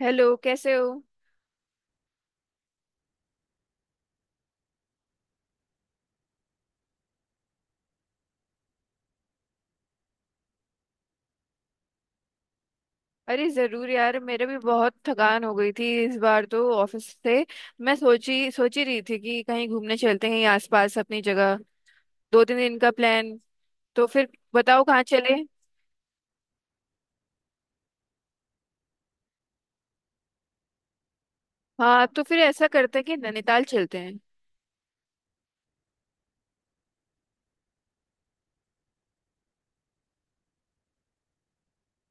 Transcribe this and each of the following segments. Hello, कैसे हो? अरे जरूर यार, मेरे भी बहुत थकान हो गई थी इस बार तो ऑफिस से। मैं सोच ही रही थी कि कहीं घूमने चलते हैं, कहीं आसपास अपनी जगह, 2-3 दिन का प्लान। तो फिर बताओ कहाँ चले। हाँ तो फिर ऐसा करते हैं कि नैनीताल चलते हैं।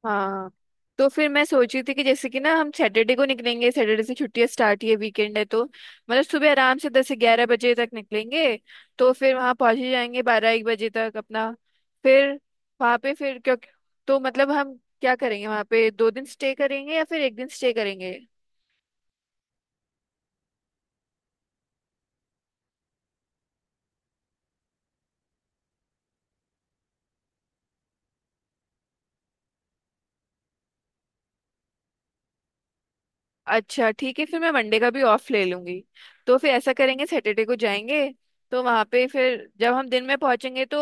हाँ तो फिर मैं सोच रही थी कि जैसे कि ना हम सैटरडे को निकलेंगे, सैटरडे से छुट्टियां स्टार्ट ही है, वीकेंड है, तो मतलब सुबह आराम से 10 से 11 बजे तक निकलेंगे। तो फिर वहाँ पहुँच ही जाएंगे 12, 1 बजे तक अपना। फिर वहाँ पे फिर क्यों, तो मतलब हम क्या करेंगे वहाँ पे, 2 दिन स्टे करेंगे या फिर 1 दिन स्टे करेंगे। अच्छा ठीक है, फिर मैं मंडे का भी ऑफ ले लूंगी। तो फिर ऐसा करेंगे सैटरडे को जाएंगे। तो वहां पे फिर जब हम दिन में पहुंचेंगे तो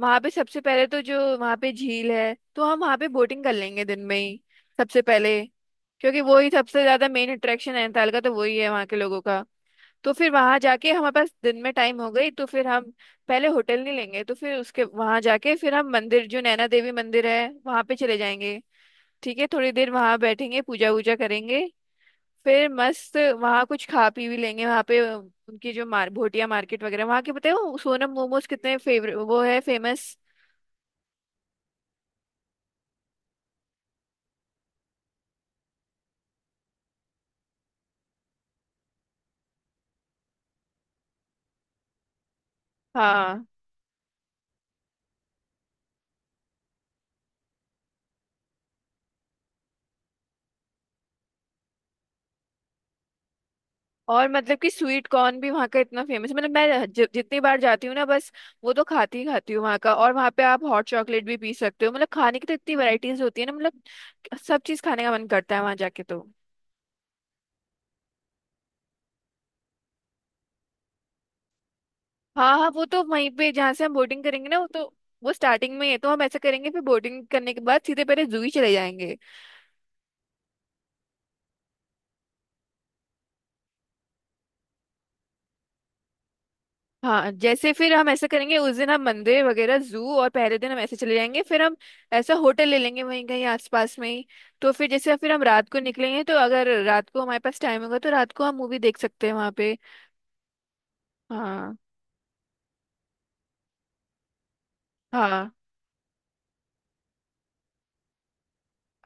वहां पे सबसे पहले तो जो वहां पे झील है तो हम वहां पे बोटिंग कर लेंगे दिन में ही, सबसे पहले। क्योंकि वो ही सबसे ज्यादा मेन अट्रैक्शन है नैनीताल का, तो वही है वहाँ के लोगों का। तो फिर वहां जाके हमारे पास दिन में टाइम हो गई तो फिर हम पहले होटल नहीं लेंगे, तो फिर उसके वहां जाके फिर हम मंदिर जो नैना देवी मंदिर है वहां पे चले जाएंगे। ठीक है, थोड़ी देर वहां बैठेंगे पूजा वूजा करेंगे। फिर मस्त वहाँ कुछ खा पी भी लेंगे, वहाँ पे उनकी जो मार भोटिया मार्केट वगैरह वहाँ के बताए, वो सोनम मोमोज कितने फेवरेट, वो है फेमस। हाँ। और मतलब कि स्वीट कॉर्न भी वहाँ का इतना फेमस, मतलब मैं जितनी बार जाती हूँ ना, बस वो तो खाती ही खाती हूँ वहाँ का। और वहाँ पे आप हॉट चॉकलेट भी पी सकते हो, मतलब खाने की तो इतनी वैरायटीज होती है ना, मतलब सब चीज़ खाने का मन करता है वहाँ जाके, तो। हाँ हाँ, वो तो वहीं पे जहाँ से हम बोटिंग करेंगे ना, वो तो वो स्टार्टिंग में है, तो हम ऐसा करेंगे फिर बोटिंग करने के बाद सीधे पहले जू ही चले जाएंगे। हाँ, जैसे फिर हम ऐसा करेंगे उस दिन हम मंदिर वगैरह जू, और पहले दिन हम ऐसे चले जाएंगे फिर हम ऐसा होटल ले लेंगे वहीं कहीं आसपास में ही। तो फिर जैसे फिर हम रात को निकलेंगे तो अगर रात को हमारे पास टाइम होगा तो रात को हम मूवी देख सकते हैं वहाँ पे। हाँ हाँ।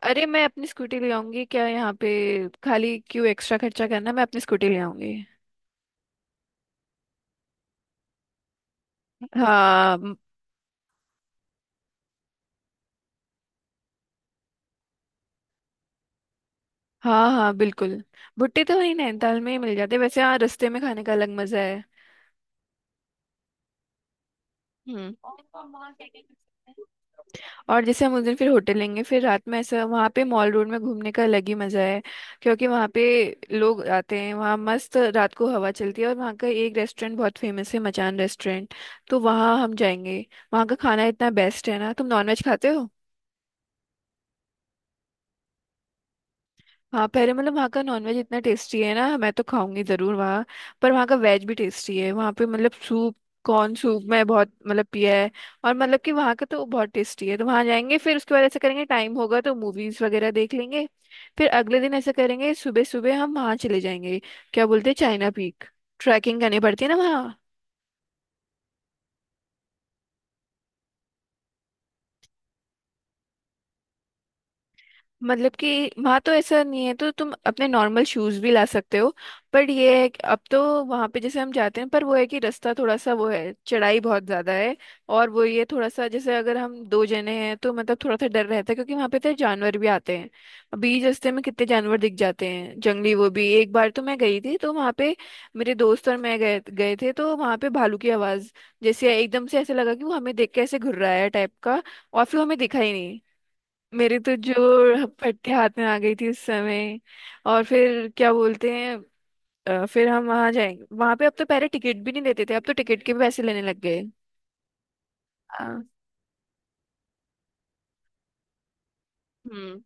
अरे मैं अपनी स्कूटी ले आऊंगी क्या यहाँ पे, खाली क्यों एक्स्ट्रा खर्चा करना, मैं अपनी स्कूटी ले आऊंगी। हाँ। हाँ हाँ बिल्कुल, भुट्टे तो वहीं नैनीताल में ही मिल जाते हैं। वैसे हाँ, रास्ते में खाने का अलग मजा है। हम्म। और जैसे हम उस दिन फिर होटल लेंगे, फिर रात में ऐसा वहाँ पे मॉल रोड में घूमने का अलग ही मज़ा है। क्योंकि वहाँ पे लोग आते हैं, वहाँ मस्त रात को हवा चलती है, और वहाँ का एक रेस्टोरेंट बहुत फेमस है, मचान रेस्टोरेंट, तो वहाँ हम जाएंगे। वहाँ का खाना इतना बेस्ट है ना, तुम नॉनवेज खाते हो? हाँ, पहले मतलब वहाँ का नॉनवेज इतना टेस्टी है ना, मैं तो खाऊंगी जरूर वहाँ। पर वहाँ का वेज भी टेस्टी है वहाँ पे, मतलब सूप, कॉर्न सूप मैं बहुत मतलब पिया है। और मतलब कि वहाँ का तो बहुत टेस्टी है, तो वहाँ जाएंगे, फिर उसके बाद ऐसा करेंगे टाइम होगा तो मूवीज वगैरह देख लेंगे। फिर अगले दिन ऐसा करेंगे सुबह सुबह हम वहाँ चले जाएंगे, क्या बोलते हैं, चाइना पीक। ट्रैकिंग करनी पड़ती है ना वहाँ। मतलब कि वहाँ तो ऐसा नहीं है, तो तुम अपने नॉर्मल शूज भी ला सकते हो। पर ये है कि अब तो वहाँ पे जैसे हम जाते हैं, पर वो है कि रास्ता थोड़ा सा वो है, चढ़ाई बहुत ज़्यादा है। और वो ये थोड़ा सा जैसे अगर हम 2 जने हैं तो मतलब थोड़ा सा डर रहता है, क्योंकि वहाँ पे तो जानवर भी आते हैं बीच रास्ते में, कितने जानवर दिख जाते हैं जंगली, वो भी एक बार तो मैं गई थी तो वहाँ पे मेरे दोस्त और मैं गए गए थे, तो वहाँ पे भालू की आवाज़, जैसे एकदम से ऐसे लगा कि वो हमें देख के ऐसे घुर्राया टाइप का, और फिर हमें दिखा ही नहीं। मेरे तो जो पट्टे हाथ में आ गई थी उस समय। और फिर क्या बोलते हैं, फिर हम वहां जाएंगे वहां पे, अब तो पहले टिकट भी नहीं देते थे, अब तो टिकट के भी पैसे लेने लग गए। हाँ। हम्म।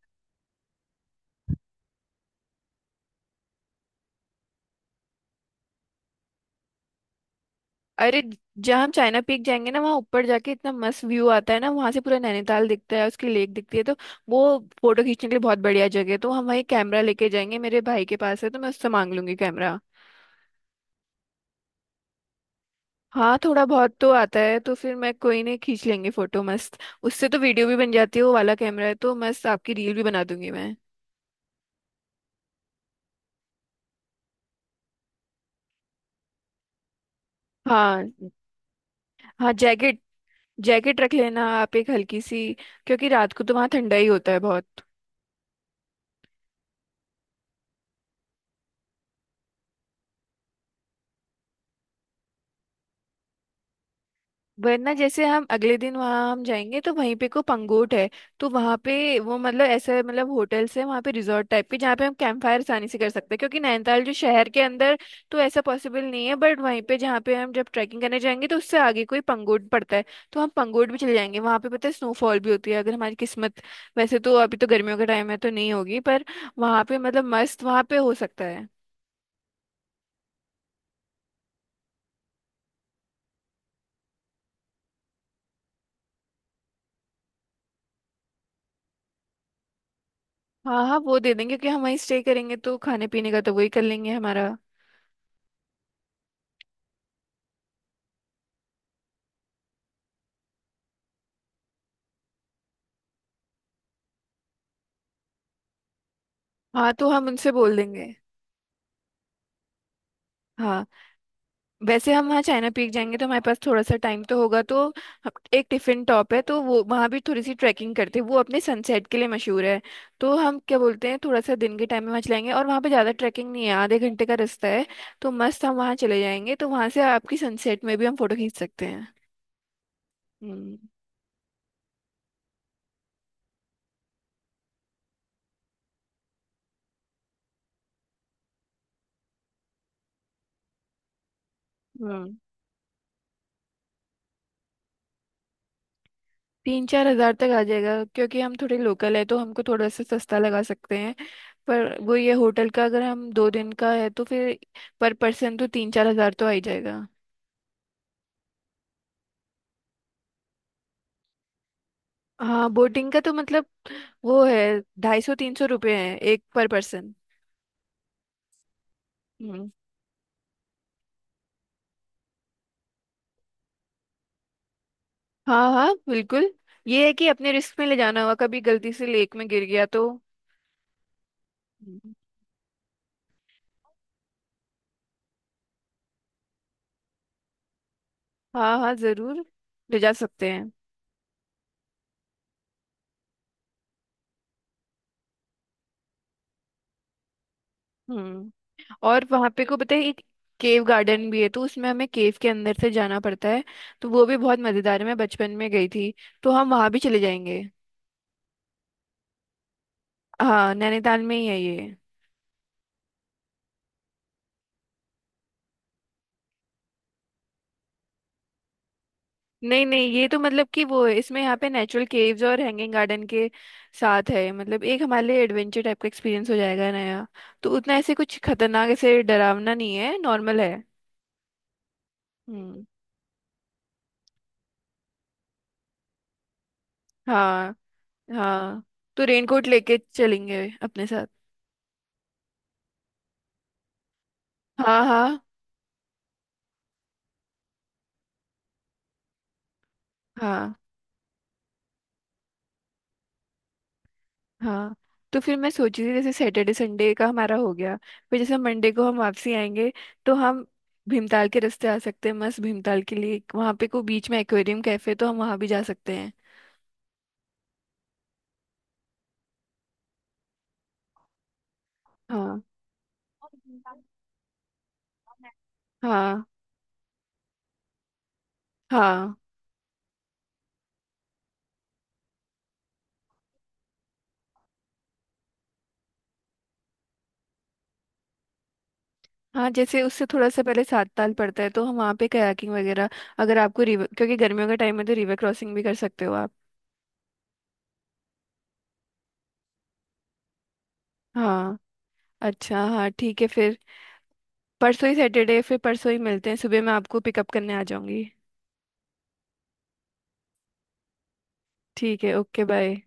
अरे जहाँ हम चाइना पीक जाएंगे ना, वहाँ ऊपर जाके इतना मस्त व्यू आता है ना, वहां से पूरा नैनीताल दिखता है, उसकी लेक दिखती है, तो वो फोटो खींचने के लिए बहुत बढ़िया जगह है, तो हम वही कैमरा लेके जाएंगे, मेरे भाई के पास है तो मैं उससे मांग लूंगी कैमरा। हाँ थोड़ा बहुत तो आता है, तो फिर मैं, कोई नहीं, खींच लेंगे फोटो मस्त। उससे तो वीडियो भी बन जाती है, वो वाला कैमरा है, तो मस्त आपकी रील भी बना दूंगी मैं। हाँ। हाँ जैकेट। जैकेट रख लेना आप एक हल्की सी, क्योंकि रात को तो वहाँ ठंडा ही होता है बहुत। वरना जैसे हम अगले दिन वहां हम जाएंगे तो वहीं पे को पंगोट है, तो वहां पे वो मतलब ऐसा मतलब होटल्स है वहां पे रिजॉर्ट टाइप के, जहाँ पे हम कैंप फायर आसानी से कर सकते हैं, क्योंकि नैनीताल जो शहर के अंदर तो ऐसा पॉसिबल नहीं है, बट वहीं पे जहाँ पे हम जब ट्रैकिंग करने जाएंगे तो उससे आगे कोई पंगोट पड़ता है, तो हम पंगोट भी चले जाएंगे वहां पे। पता है स्नोफॉल भी होती है अगर हमारी किस्मत, वैसे तो अभी तो गर्मियों का टाइम है तो नहीं होगी, पर वहां पे मतलब मस्त, वहां पे हो सकता है। हाँ हाँ, वो दे देंगे क्योंकि हम वहीं स्टे करेंगे, तो खाने पीने का तो वही कर लेंगे हमारा। हाँ तो हम उनसे बोल देंगे। हाँ। वैसे हम वहाँ चाइना पीक जाएंगे तो हमारे पास थोड़ा सा टाइम तो होगा, तो एक टिफिन टॉप है, तो वो वहाँ भी थोड़ी सी ट्रैकिंग करते हैं, वो अपने सनसेट के लिए मशहूर है, तो हम क्या बोलते हैं थोड़ा सा दिन के टाइम में वहाँ चलाएंगे, और वहाँ पे ज़्यादा ट्रैकिंग नहीं है, आधे घंटे का रास्ता है, तो मस्त हम वहाँ चले जाएंगे, तो वहाँ से आपकी सनसेट में भी हम फोटो खींच सकते हैं। हम्म। तीन चार हजार तक आ जाएगा, क्योंकि हम थोड़े लोकल है तो हमको थोड़ा सा सस्ता लगा सकते हैं, पर वो ये होटल का अगर हम 2 दिन का है तो फिर पर पर्सन तो 3-4 हज़ार तो आ ही जाएगा। हाँ, बोटिंग का तो मतलब, वो है 250-300 रुपये है एक पर पर्सन। हम्म। हाँ हाँ बिल्कुल, ये है कि अपने रिस्क में ले जाना होगा, कभी गलती से लेक में गिर गया तो। हम्म। हाँ हाँ जरूर, ले जा सकते हैं। हम्म। और वहां पे को पता है एक केव गार्डन भी है, तो उसमें हमें केव के अंदर से जाना पड़ता है, तो वो भी बहुत मजेदार है, मैं बचपन में गई थी, तो हम वहां भी चले जाएंगे। हाँ नैनीताल में ही है ये। नहीं नहीं, ये तो मतलब कि वो है इसमें, यहाँ पे नेचुरल केव्स और हैंगिंग गार्डन के साथ है, मतलब एक हमारे लिए एडवेंचर टाइप का एक्सपीरियंस हो जाएगा नया, तो उतना ऐसे कुछ खतरनाक ऐसे डरावना नहीं है, नॉर्मल है। हम्म। हाँ हाँ, तो रेनकोट लेके चलेंगे अपने साथ। हाँ हाँ। हाँ हाँ। तो फिर मैं सोच रही थी जैसे सैटरडे संडे का हमारा हो गया, फिर जैसे मंडे को हम वापसी आएंगे, तो हम भीमताल के रास्ते आ सकते हैं, मस्त, भीमताल के लिए वहाँ पे कोई बीच में एक्वेरियम कैफे, तो हम वहाँ भी जा सकते हैं। हाँ। हाँ। हाँ। हाँ, जैसे उससे थोड़ा सा पहले सात ताल पड़ता है, तो हम वहाँ पे कयाकिंग वगैरह, अगर आपको रिवर, क्योंकि गर्मियों का टाइम है तो रिवर क्रॉसिंग भी कर सकते हो आप। हाँ। अच्छा हाँ ठीक है फिर, परसों ही सैटरडे, फिर परसों ही मिलते हैं सुबह, मैं आपको पिकअप करने आ जाऊंगी। ठीक है, ओके बाय।